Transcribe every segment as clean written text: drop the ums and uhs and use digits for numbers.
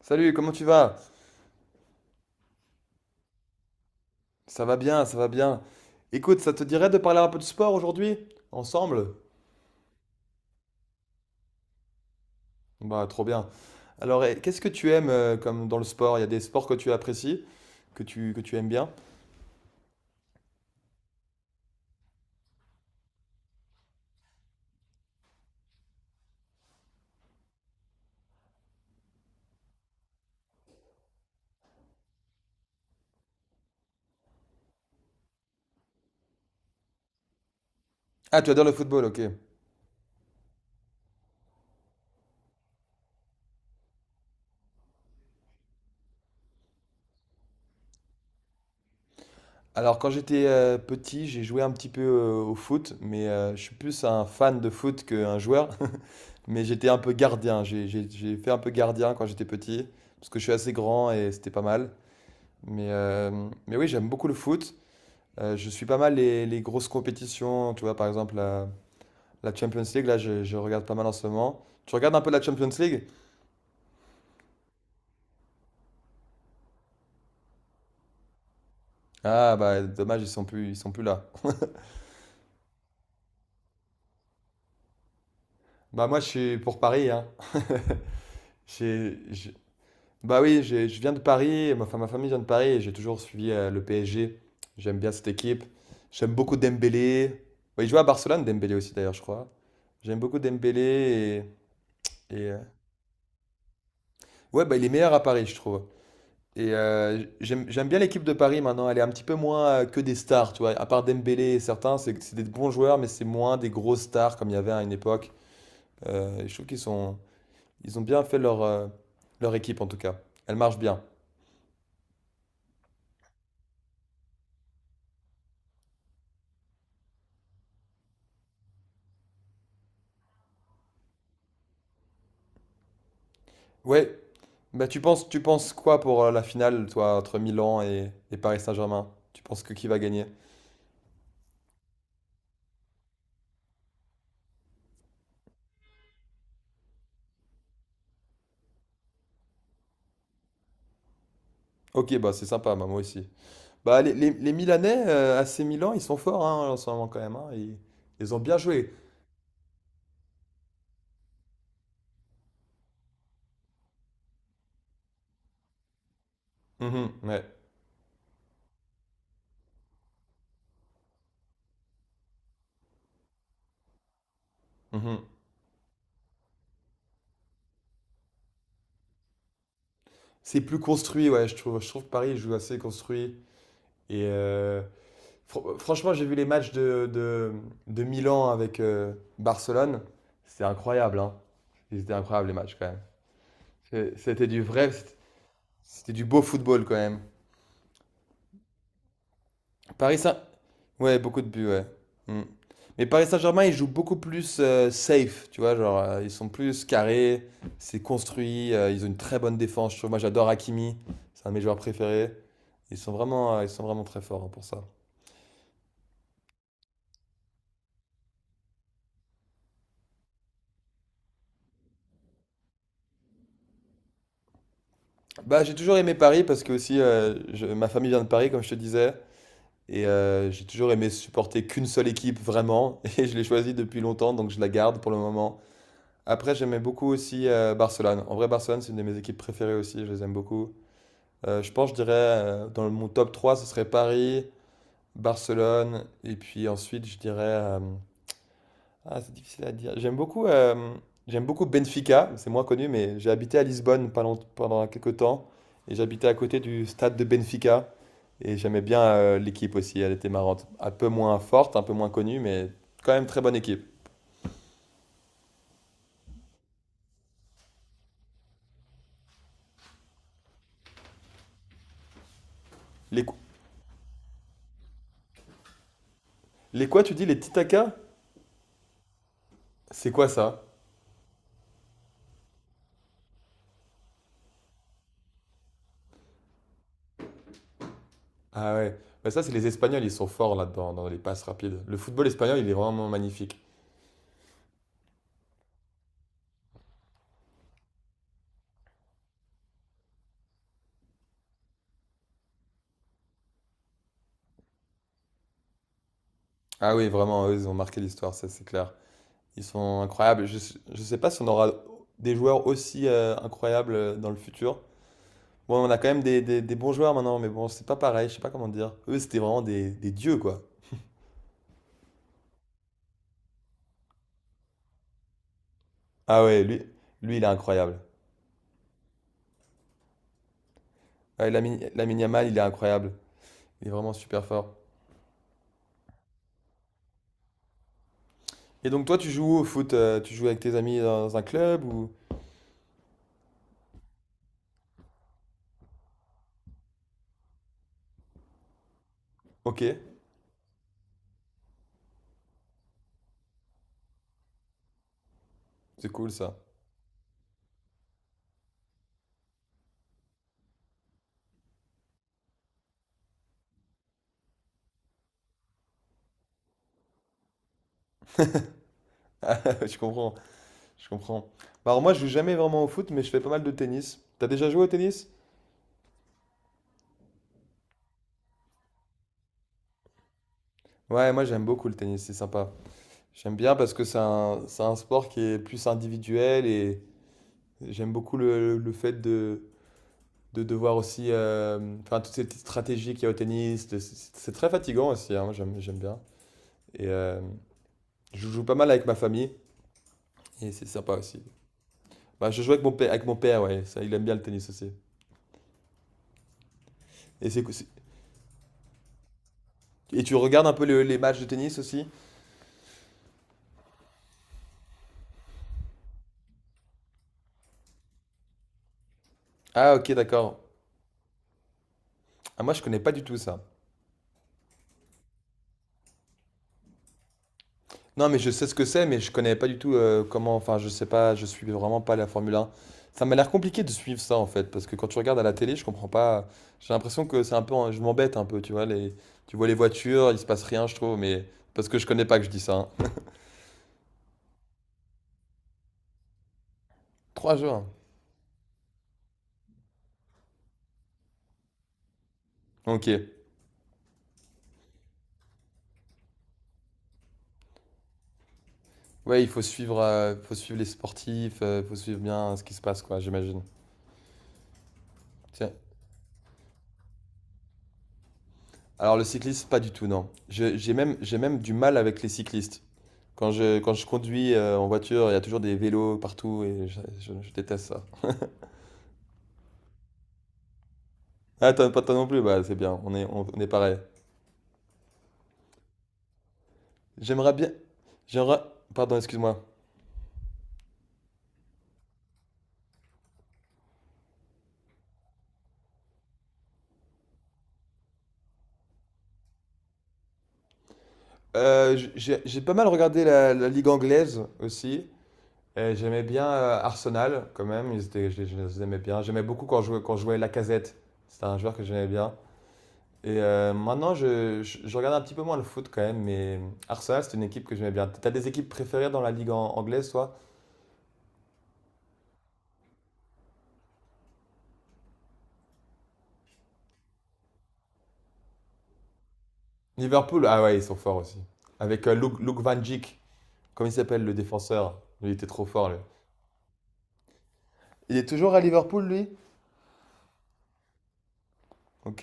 Salut, comment tu vas? Ça va bien, ça va bien. Écoute, ça te dirait de parler un peu de sport aujourd'hui? Ensemble? Bah, trop bien. Alors, eh, qu'est-ce que tu aimes comme dans le sport? Il y a des sports que tu apprécies, que tu aimes bien? Ah, tu adores le football, ok. Alors, quand j'étais petit, j'ai joué un petit peu au foot, mais je suis plus un fan de foot qu'un joueur. Mais j'étais un peu gardien. J'ai fait un peu gardien quand j'étais petit, parce que je suis assez grand et c'était pas mal. Mais oui, j'aime beaucoup le foot. Je suis pas mal les grosses compétitions, tu vois, par exemple la Champions League, là je regarde pas mal en ce moment. Tu regardes un peu la Champions League? Ah bah dommage, ils sont plus là. Bah moi je suis pour Paris, hein. J'ai- j'ai- Bah oui, je viens de Paris, enfin, ma famille vient de Paris et j'ai toujours suivi le PSG. J'aime bien cette équipe. J'aime beaucoup Dembélé. Ouais, il joue à Barcelone, Dembélé aussi d'ailleurs, je crois. J'aime beaucoup Dembélé et, et, euh, ouais, bah il est meilleur à Paris, je trouve. Et j'aime bien l'équipe de Paris maintenant. Elle est un petit peu moins que des stars, tu vois. À part Dembélé et certains, c'est des bons joueurs, mais c'est moins des grosses stars comme il y avait à une époque. Je trouve qu'ils sont, ils ont bien fait leur équipe en tout cas. Elle marche bien. Ouais, bah tu penses quoi pour la finale, toi, entre Milan et Paris Saint-Germain? Tu penses que qui va gagner? Ok, bah c'est sympa, bah, moi aussi. Bah les Milanais, AC Milan, ils sont forts hein, en ce moment quand même, hein. Ils ont bien joué. Mhm, ouais. Mhm. C'est plus construit, ouais, je trouve. Je trouve que Paris joue assez construit. Et franchement, j'ai vu les matchs de Milan avec Barcelone. C'était incroyable, hein. C'était incroyable les matchs quand même. C'était du vrai, c'était du beau football quand même. Paris Saint... Ouais, beaucoup de buts, ouais. Mm. Mais Paris Saint-Germain, ils jouent beaucoup plus safe, tu vois, genre, ils sont plus carrés, c'est construit, ils ont une très bonne défense, je trouve. Moi, j'adore Hakimi, c'est un de mes joueurs préférés. Ils sont vraiment très forts hein, pour ça. Bah, j'ai toujours aimé Paris parce que aussi, ma famille vient de Paris, comme je te disais, et j'ai toujours aimé supporter qu'une seule équipe, vraiment, et je l'ai choisie depuis longtemps, donc je la garde pour le moment. Après, j'aimais beaucoup aussi Barcelone. En vrai, Barcelone, c'est une de mes équipes préférées aussi, je les aime beaucoup. Je dirais, dans mon top 3 ce serait Paris, Barcelone, et puis ensuite, je dirais... ah, c'est difficile à dire. J'aime beaucoup Benfica, c'est moins connu, mais j'ai habité à Lisbonne pendant quelques temps, et j'habitais à côté du stade de Benfica, et j'aimais bien l'équipe aussi, elle était marrante. Un peu moins forte, un peu moins connue, mais quand même très bonne équipe. Les, qu- les quoi, tu dis, les titacas? C'est quoi ça? Ah ouais, bah ça c'est les Espagnols, ils sont forts là-dedans, dans les passes rapides. Le football espagnol, il est vraiment magnifique. Ah oui, vraiment, eux, ils ont marqué l'histoire, ça c'est clair. Ils sont incroyables. Je ne sais pas si on aura des joueurs aussi incroyables dans le futur. Bon, on a quand même des bons joueurs maintenant, mais bon, c'est pas pareil, je sais pas comment dire. Eux, c'était vraiment des dieux, quoi. Ah ouais, lui, il est incroyable. Ouais, Lamine Yamal, il est incroyable. Il est vraiment super fort. Et donc, toi, tu joues où au foot, tu joues avec tes amis dans un club ou... Ok, c'est cool ça. Ah, je comprends, je comprends. Bah, alors moi, je joue jamais vraiment au foot, mais je fais pas mal de tennis. T'as déjà joué au tennis? Ouais, moi j'aime beaucoup le tennis, c'est sympa. J'aime bien parce que c'est un sport qui est plus individuel et j'aime beaucoup le fait de devoir aussi... enfin, toutes ces petites stratégies qu'il y a au tennis, c'est très fatigant aussi, hein, j'aime bien. Et je joue pas mal avec ma famille et c'est sympa aussi. Bah, je joue avec mon père, ouais, ça, il aime bien le tennis aussi. Et, c'est, c'est- et tu regardes un peu les matchs de tennis aussi? Ah ok, d'accord. Ah, moi je connais pas du tout ça. Non, mais je sais ce que c'est, mais je connais pas du tout comment. Enfin, je sais pas, je suis vraiment pas la Formule 1. Ça m'a l'air compliqué de suivre ça en fait, parce que quand tu regardes à la télé, je comprends pas. J'ai l'impression que c'est un peu, je m'embête un peu, tu vois. Les... Tu vois les voitures, il se passe rien, je trouve, mais parce que je connais pas que je dis ça, hein. Trois jours. Ok. Ouais, il faut suivre les sportifs, il faut suivre bien ce qui se passe, quoi, j'imagine. Tiens. Alors le cycliste, pas du tout, non. J'ai même du mal avec les cyclistes. Quand je conduis en voiture, il y a toujours des vélos partout et je déteste ça. Ah, toi, pas toi non plus, bah c'est bien, on est pareil. J'aimerais bien. J'aimerais. Pardon, excuse-moi. J'ai pas mal regardé la Ligue anglaise aussi. Et j'aimais bien Arsenal quand même, ils étaient, je les aimais bien. J'aimais beaucoup quand je jouais Lacazette, c'était un joueur que j'aimais bien. Et maintenant, je regarde un petit peu moins le foot quand même, mais Arsenal, c'est une équipe que j'aimais bien. T'as des équipes préférées dans la Ligue anglaise, toi? Liverpool, ah ouais, ils sont forts aussi. Avec Luke Van Dijk, comment il s'appelle le défenseur? Lui, il était trop fort, lui. Il est toujours à Liverpool, lui? Ok.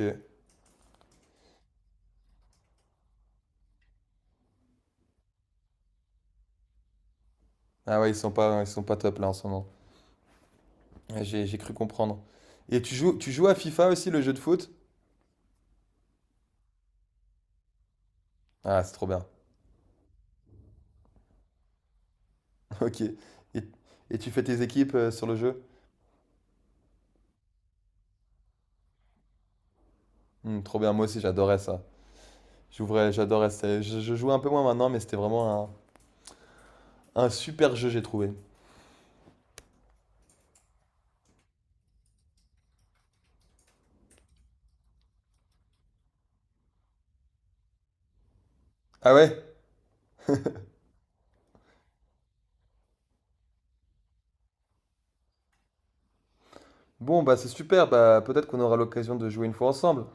Ah ouais, ils sont pas top là en ce moment. Ouais, j'ai cru comprendre. Et tu joues à FIFA aussi, le jeu de foot? Ah, c'est trop bien. Ok. Et tu fais tes équipes sur le jeu? Hmm, trop bien, moi aussi, j'adorais ça. J'ouvrais, j'adorais ça. Je jouais un peu moins maintenant, mais c'était vraiment un super jeu, j'ai trouvé. Ah ouais. Bon, bah c'est super, bah peut-être qu'on aura l'occasion de jouer une fois ensemble.